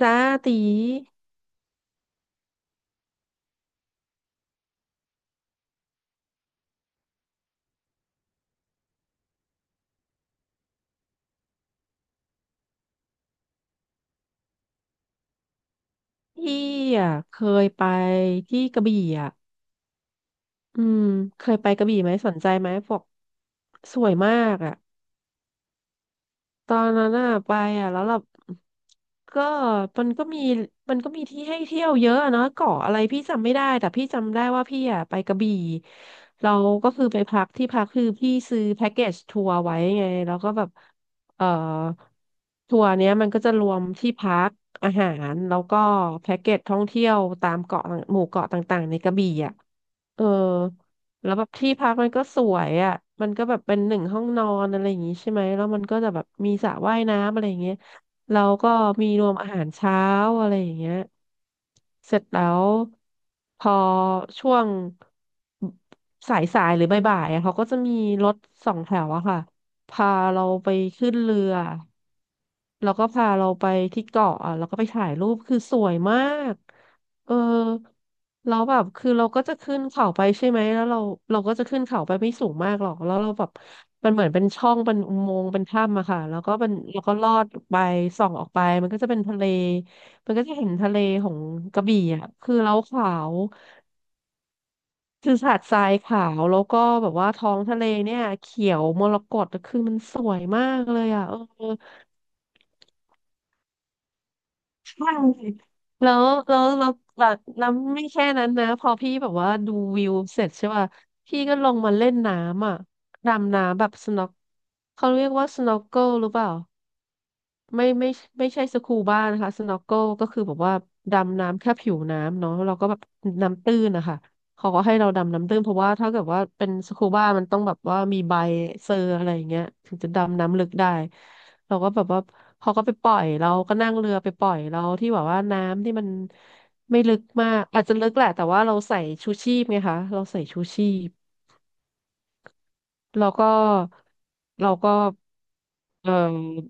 จ้าตีพี่อ่ะเคยไปที่กระบี่อ่ะอืมเคยไปกระบี่ไหมสนใจไหมบอกสวยมากอ่ะ ตอนนั้นน่ะไปอ่ะแล้วแบบก็มันก็มีมันก็มีที่ให้เที่ยวเยอะอะเนาะเกาะอะไรพี่จำไม่ได้แต่พี่จำได้ว่าพี่อ่ะไปกระบี่เราก็คือไปพักที่พักคือพี่ซื้อแพ็กเกจทัวร์ไว้ไงแล้วก็แบบเอ่อทัวร์เนี้ยมันก็จะรวมที่พักอาหารแล้วก็แพ็กเกจท่องเที่ยวตามเกาะต่างหมู่เกาะต่างๆในกระบี่อ่ะเออ แล้วแบบที่พักมันก็สวยอ่ะมันก็แบบเป็นหนึ่งห้องนอนอะไรอย่างงี้ใช่ไหมแล้วมันก็จะแบบมีสระว่ายน้ำอะไรอย่างเงี้ยแล้วก็มีรวมอาหารเช้าอะไรอย่างเงี้ยเสร็จแล้วพอช่วงสายหรือบ่ายๆอะเขาก็จะมีรถสองแถวอะค่ะพาเราไปขึ้นเรือ แล้วก็พาเราไปที่เกาะอ่ะแล้วก็ไปถ่ายรูปคือสวยมากเออแล้วแบบคือเราก็จะขึ้นเขาไปใช่ไหมแล้วเราก็จะขึ้นเขาไปไม่สูงมากหรอกแล้วเราแบบมันเหมือนเป็นช่องเป็นอุโมงค์เป็นถ้ำอะค่ะแล้วก็มันแล้วก็ลอดไปส่องออกไปมันก็จะเป็นทะเลมันก็จะเห็นทะเลของกระบี่อ่ะคือเราขาวคือหาดทรายขาวแล้วก็แบบว่าท้องทะเลเนี่ยเขียวมรกตคือมันสวยมากเลยอ่ะเออ ใช่แล้วแบบน้ำไม่แค่นั้นนะพอพี่แบบว่าดูวิวเสร็จใช่ป่ะพี่ก็ลงมาเล่นน้ำอ่ะดำน้ำแบบสน็อกเขาเรียกว่าสน็อกเกิลหรือเปล่า ไม่ไม่ใช่สกูบ้านะคะสโนว์เกิลก็คือแบบว่าดำน้ำแค่ผิวน้ำเนาะเราก็แบบน้ำตื้นนะคะเขาก็ให้เราดำน้ำตื้นเพราะว่าถ้าเกิดว่าเป็นสกูบ้ามันต้องแบบว่ามีใบเซอร์อะไรอย่างเงี้ยถึงจะดำน้ำลึกได้เราก็แบบว่าเขาก็ไปปล่อยเราก็นั่งเรือไปปล่อยเราที่แบบว่าน้ำที่มันไม่ลึกมากอาจจะลึกแหละแต่ว่าเราใส่ชูชีพไงคะเราใส่ชูชีพ แล้วก็เราก็เอ่อ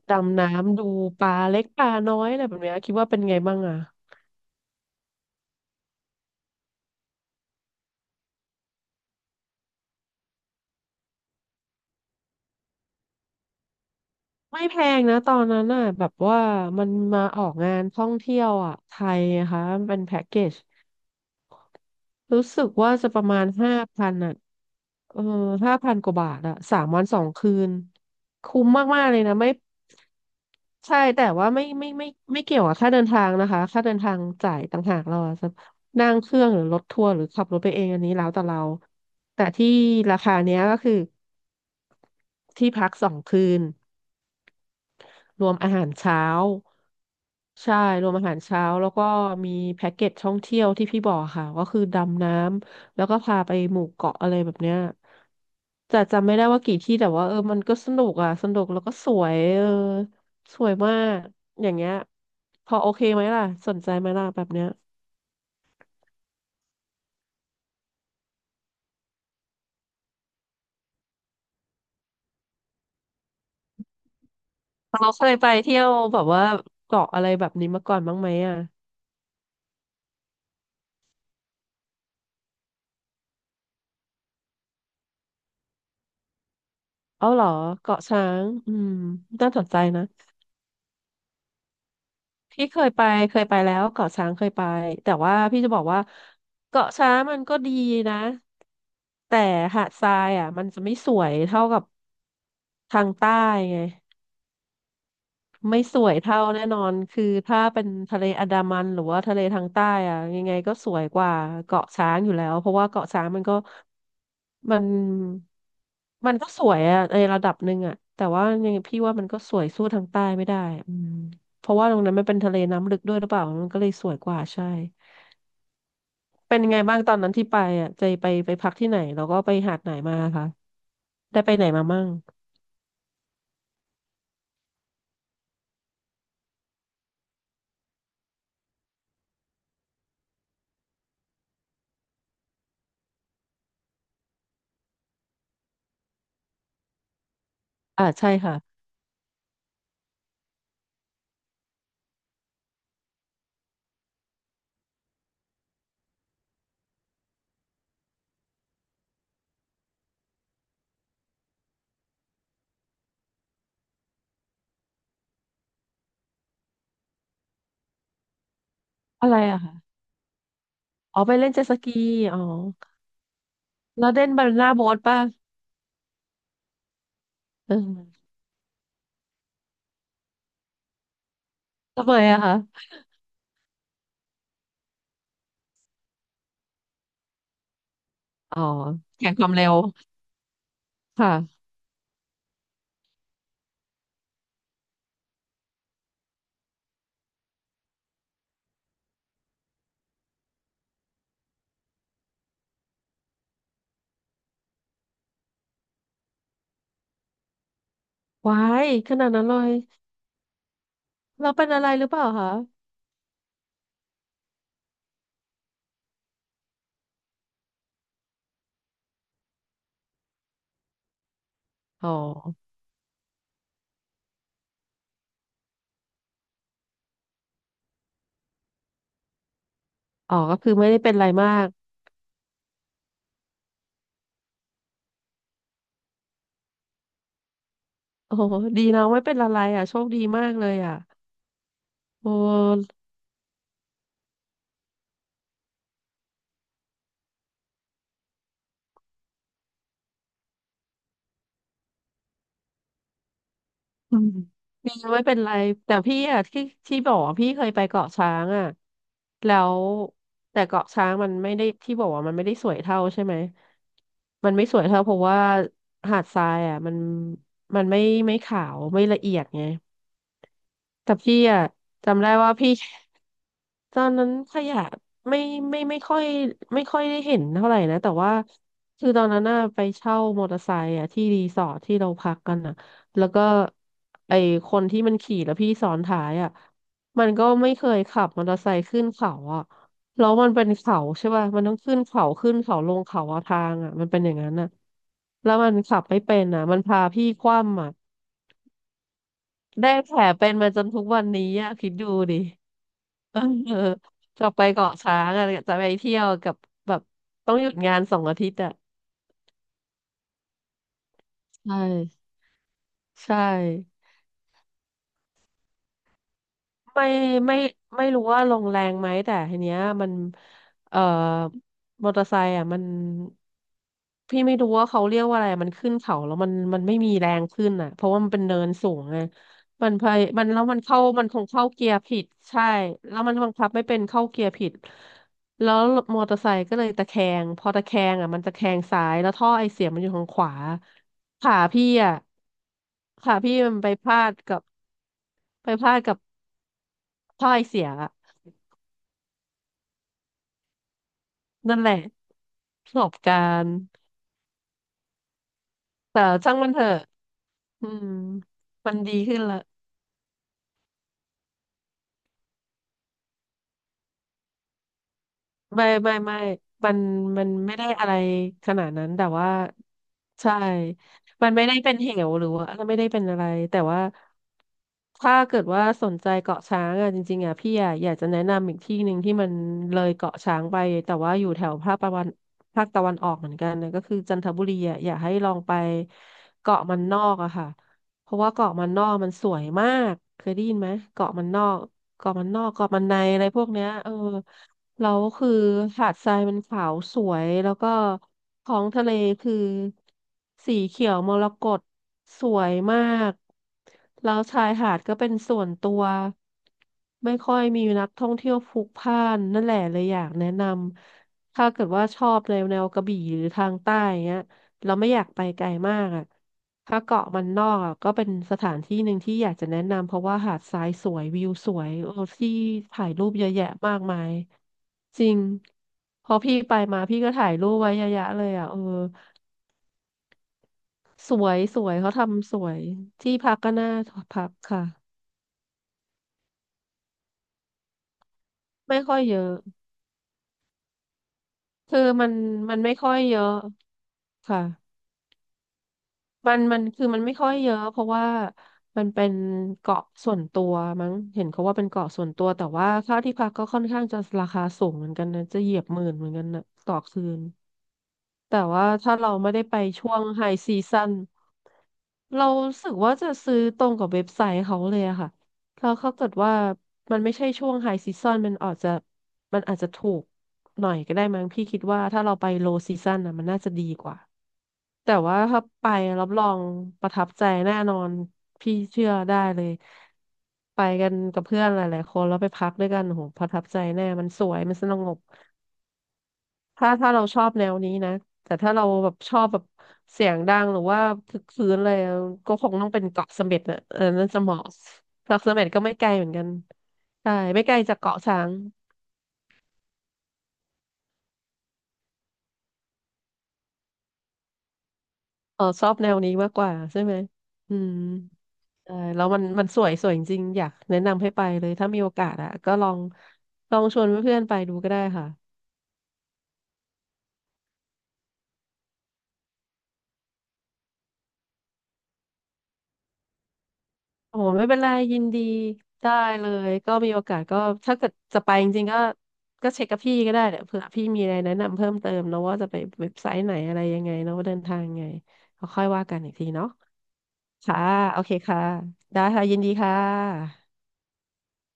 ดำน้ำดูปลาเล็กปลาน้อยอะไรแบบเนี้ยคิดว่าเป็นไงบ้างอ่ะไม่แพงนะตอนนั้นน่ะแบบว่ามันมาออกงานท่องเที่ยวอ่ะไทยนะคะมันเป็นแพ็กเกจ รู้สึกว่าจะประมาณห้าพันอ่ะเออ5,000 กว่าบาทอ่ะ3 วัน 2 คืนคุ้มมากๆเลยนะไม่ใช่แต่ว่าไม่เกี่ยวกับค่าเดินทางนะคะค่าเดินทางจ่ายต่างหากเราอะจะนั่งเครื่องหรือรถทัวร์หรือขับรถไปเองอันนี้แล้วแต่เราแต่ที่ราคาเนี้ยก็คือที่พักสองคืน รวมอาหารเช้าใช่รวมอาหารเช้าแล้วก็มีแพ็กเกจท่องเที่ยวที่พี่บอกค่ะก็คือดำน้ำแล้วก็พาไปหมู่เกาะอะไรแบบเนี้ยแต่จำไม่ได้ว่ากี่ที่แต่ว่าเออมันก็สนุกอ่ะสนุกแล้วก็สวยเออสวยมากอย่างเงี้ยพอโอเคไหมล่ะสนใจไหมล่ะแบบเนี้ยเราเคยไปเที่ยวแบบว่าเกาะอะไรแบบนี้มาก่อนบ้างไหมอ่ะเอาเหรอเกาะช้างอืมน่าสนใจนะ พี่เคยไปเคยไปแล้วเกาะช้างเคยไปแต่ว่าพี่จะบอกว่าเกาะช้างมันก็ดีนะแต่หาดทรายอ่ะมันจะไม่สวยเท่ากับทางใต้ไง ไม่สวยเท่าแน่นอนคือถ้าเป็นทะเลอันดามันหรือว่าทะเลทางใต้อะยังไงก็สวยกว่าเกาะช้างอยู่แล้วเพราะว่าเกาะช้างมันก็มันมันก็สวยอะในระดับหนึ่งอะแต่ว่ายังไงพี่ว่ามันก็สวยสู้ทางใต้ไม่ได้อืมเพราะว่าตรงนั้นมันเป็นทะเลน้ำลึกด้วยหรือเปล่ามันก็เลยสวยกว่าใช่ เป็นยังไงบ้างตอนนั้นที่ไปอะใจไปพักที่ไหนแล้วก็ไปหาดไหนมาคะได้ไปไหนมามั่งอ่าใช่ค่ะอะไรอะคะอ๋อไปเล่นเจ็ตสกีอ๋อ แล้วเด้นบานาน่าโบ๊ทป่ะเออทำไมอะคะอ๋อแข่งความเร็วค่ะว้ายขนาดนั้นเลยเราเป็นอะไรหรือเปล่าคะอ๋อ อ๋อก็คือไม่ได้เป็นอะไรมากโอ้โหดีนะ ไม่เป็นอะไรอ่ะโชคดีมากเลยอ่ะโอ้ อืมมีไม่เป็นไรแต่พี่อะที่บอกว่าพี่เคยไปเกาะช้างอะแล้วแต่เกาะช้างมันไม่ได้ที่บอกว่ามันไม่ได้สวยเท่าใช่ไหมมันไม่สวยเท่าเพราะว่าหาดทรายอะมันไม่ขาวไม่ละเอียดไงแต่พี่อะจำได้ว่าพี่ ตอนนั้นขยะไม่ไม่ไม่ค่อยไม่ค่อยได้เห็นเท่าไหร่นะแต่ว่าคือตอนนั้นน่ะไปเช่ามอเตอร์ไซค์อ่ะที่รีสอร์ทที่เราพักกันอ่ะแล้วก็ไอคนที่มันขี่แล้วพี่ซ้อนท้ายอ่ะมันก็ไม่เคยขับมอเตอร์ไซค์ขึ้นเขาอ่ะแล้วมันเป็นเขาใช่ป่ะมันต้องขึ้นเขาลงเขาอะทางอ่ะมันเป็นอย่างนั้นอ่ะแล้วมันขับไม่เป็นอ่ะมันพาพี่คว่ำอ่ะได้แผลเป็นมาจนทุกวันนี้อ่ะคิดดูดิ เออจะไปเกาะช้างอะจะไปเที่ยวกับแบบต้องหยุดงาน2 อาทิตย์อ่ะ ใช่ใช่ ไม่ไม่ไม่รู้ว่าลงแรงไหมแต่ทีเนี้ยมันเอ่อมอเตอร์ไซค์อ่ะมันพี่ไม่รู้ว่าเขาเรียกว่าอะไรมันขึ้นเขาแล้วมันไม่มีแรงขึ้นอ่ะเพราะว่ามันเป็นเนินสูงไงมันพยมันแล้วมันเข้ามันคงเข้าเกียร์ผิดใช่แล้วมันบังคับไม่เป็นเข้าเกียร์ผิดแล้วมอเตอร์ไซค์ก็เลยตะแคงพอตะแคงอ่ะมันตะแคงซ้ายแล้วท่อไอเสียมันอยู่ทางขวาขาพี่อ่ะขาพี่มันไปพลาดกับ พ่อยเสียอะนั่นแหละประสบการณ์แต่ช่างมันเถอะอืมมันดีขึ้นละ ไม่ไม่มันมันไม่ได้อะไรขนาดนั้นแต่ว่าใช่ มันไม่ได้เป็นเหวหรือว่าไม่ได้เป็นอะไรแต่ว่าถ้าเกิดว่าสนใจเกาะช้างอ่ะจริงๆอ่ะพี่อ่ะอยากจะแนะนำอีกที่หนึ่งที่มันเลยเกาะช้างไปแต่ว่าอยู่แถวภาคตะวันออกเหมือนกันนะก็คือจันทบุรีอ่ะอยากให้ลองไปเกาะมันนอกอะค่ะเพราะว่าเกาะมันนอกมันสวยมากเคยได้ยินไหมเกาะมันนอกเกาะมันในอะไรพวกเนี้ยเออ แล้วคือหาดทรายมันขาวสวยแล้วก็ท้องทะเลคือสีเขียวมรกตสวยมากแล้วชายหาดก็เป็นส่วนตัวไม่ค่อยมีนักท่องเที่ยวพลุกพล่านนั่นแหละเลยอยากแนะนำถ้าเกิดว่าชอบแนวกระบี่หรือทางใต้อย่างเงี้ยเราไม่อยากไปไกลมากอ่ะ ถ้าเกาะมันนอกอะก็เป็นสถานที่หนึ่งที่อยากจะแนะนำเพราะว่าหาดทรายสวยวิวสวยโอ้ที่ถ่ายรูปเยอะแยะมากมายจริงพอพี่ไปมาพี่ก็ถ่ายรูปไว้เยอะแยะเลยอ่ะเออสวยสวยเขาทำสวยที่พักก็น่าพักค่ะไม่ค่อยเยอะคือมันไม่ค่อยเยอะค่ะ มันคือมันไม่ค่อยเยอะเพราะว่ามันเป็นเกาะส่วนตัวมั้งเห็นเขาว่าเป็นเกาะส่วนตัวแต่ว่าค่าที่พักก็ค่อนข้างจะราคาสูงเหมือนกันนะจะเหยียบหมื่นเหมือนกันนะต่อคืนแต่ว่าถ้าเราไม่ได้ไปช่วงไฮซีซั่น เรารู้สึกว่าจะซื้อตรงกับเว็บไซต์เขาเลยอะค่ะแล้วเขาเกิดว่ามันไม่ใช่ช่วงไฮซีซั o นมันอาจจะถูกหน่อยก็ได้มั้งพี่คิดว่าถ้าเราไปโลซีซั o นนะมันน่าจะดีกว่าแต่ว่าถ้าไปรับรองประทับใจแน่นอนพี่เชื่อได้เลยไปกันกับเพื่อนหลายๆคนแล้วไปพักด้วยกันโอ้โหประทับใจแน่มันสวยมันสงบ ถ้าเราชอบแนวนี้นะแต่ถ้าเราแบบชอบแบบเสียงดังหรือว่าคึกคืนอะไรอะก็คงต้องเป็นเกาะเสม็ดน่ะเออนั่นจะเหมาะเกาะเสม็ดก็ไม่ไกลเหมือนกันใช่ไม่ไกลจากเกาะช้างเออชอบแนวนี้มากกว่าใช่ไหมอืมใช่แล้วมันสวยสวยจริงๆอยากแนะนำให้ไปเลยถ้ามีโอกาสอะก็ลองชวนเพื่อนๆไปดูก็ได้ค่ะ โอ้โหไม่เป็นไรยินดีได้เลยก็มีโอกาสก็ถ้าเกิดจะไปจริงๆก็เช็คกับพี่ก็ได้เนี่ยเผื่อพี่มีอะไรแนะนำเพิ่มเติมเนอะว่าจะไปเว็บไซต์ไหนอะไรยังไงเนอะว่าเดินทางยังไงก็ค่อยว่ากันอีกทีเนาะค่ะโอเคค่ะได้ค่ะยินดีค่ะ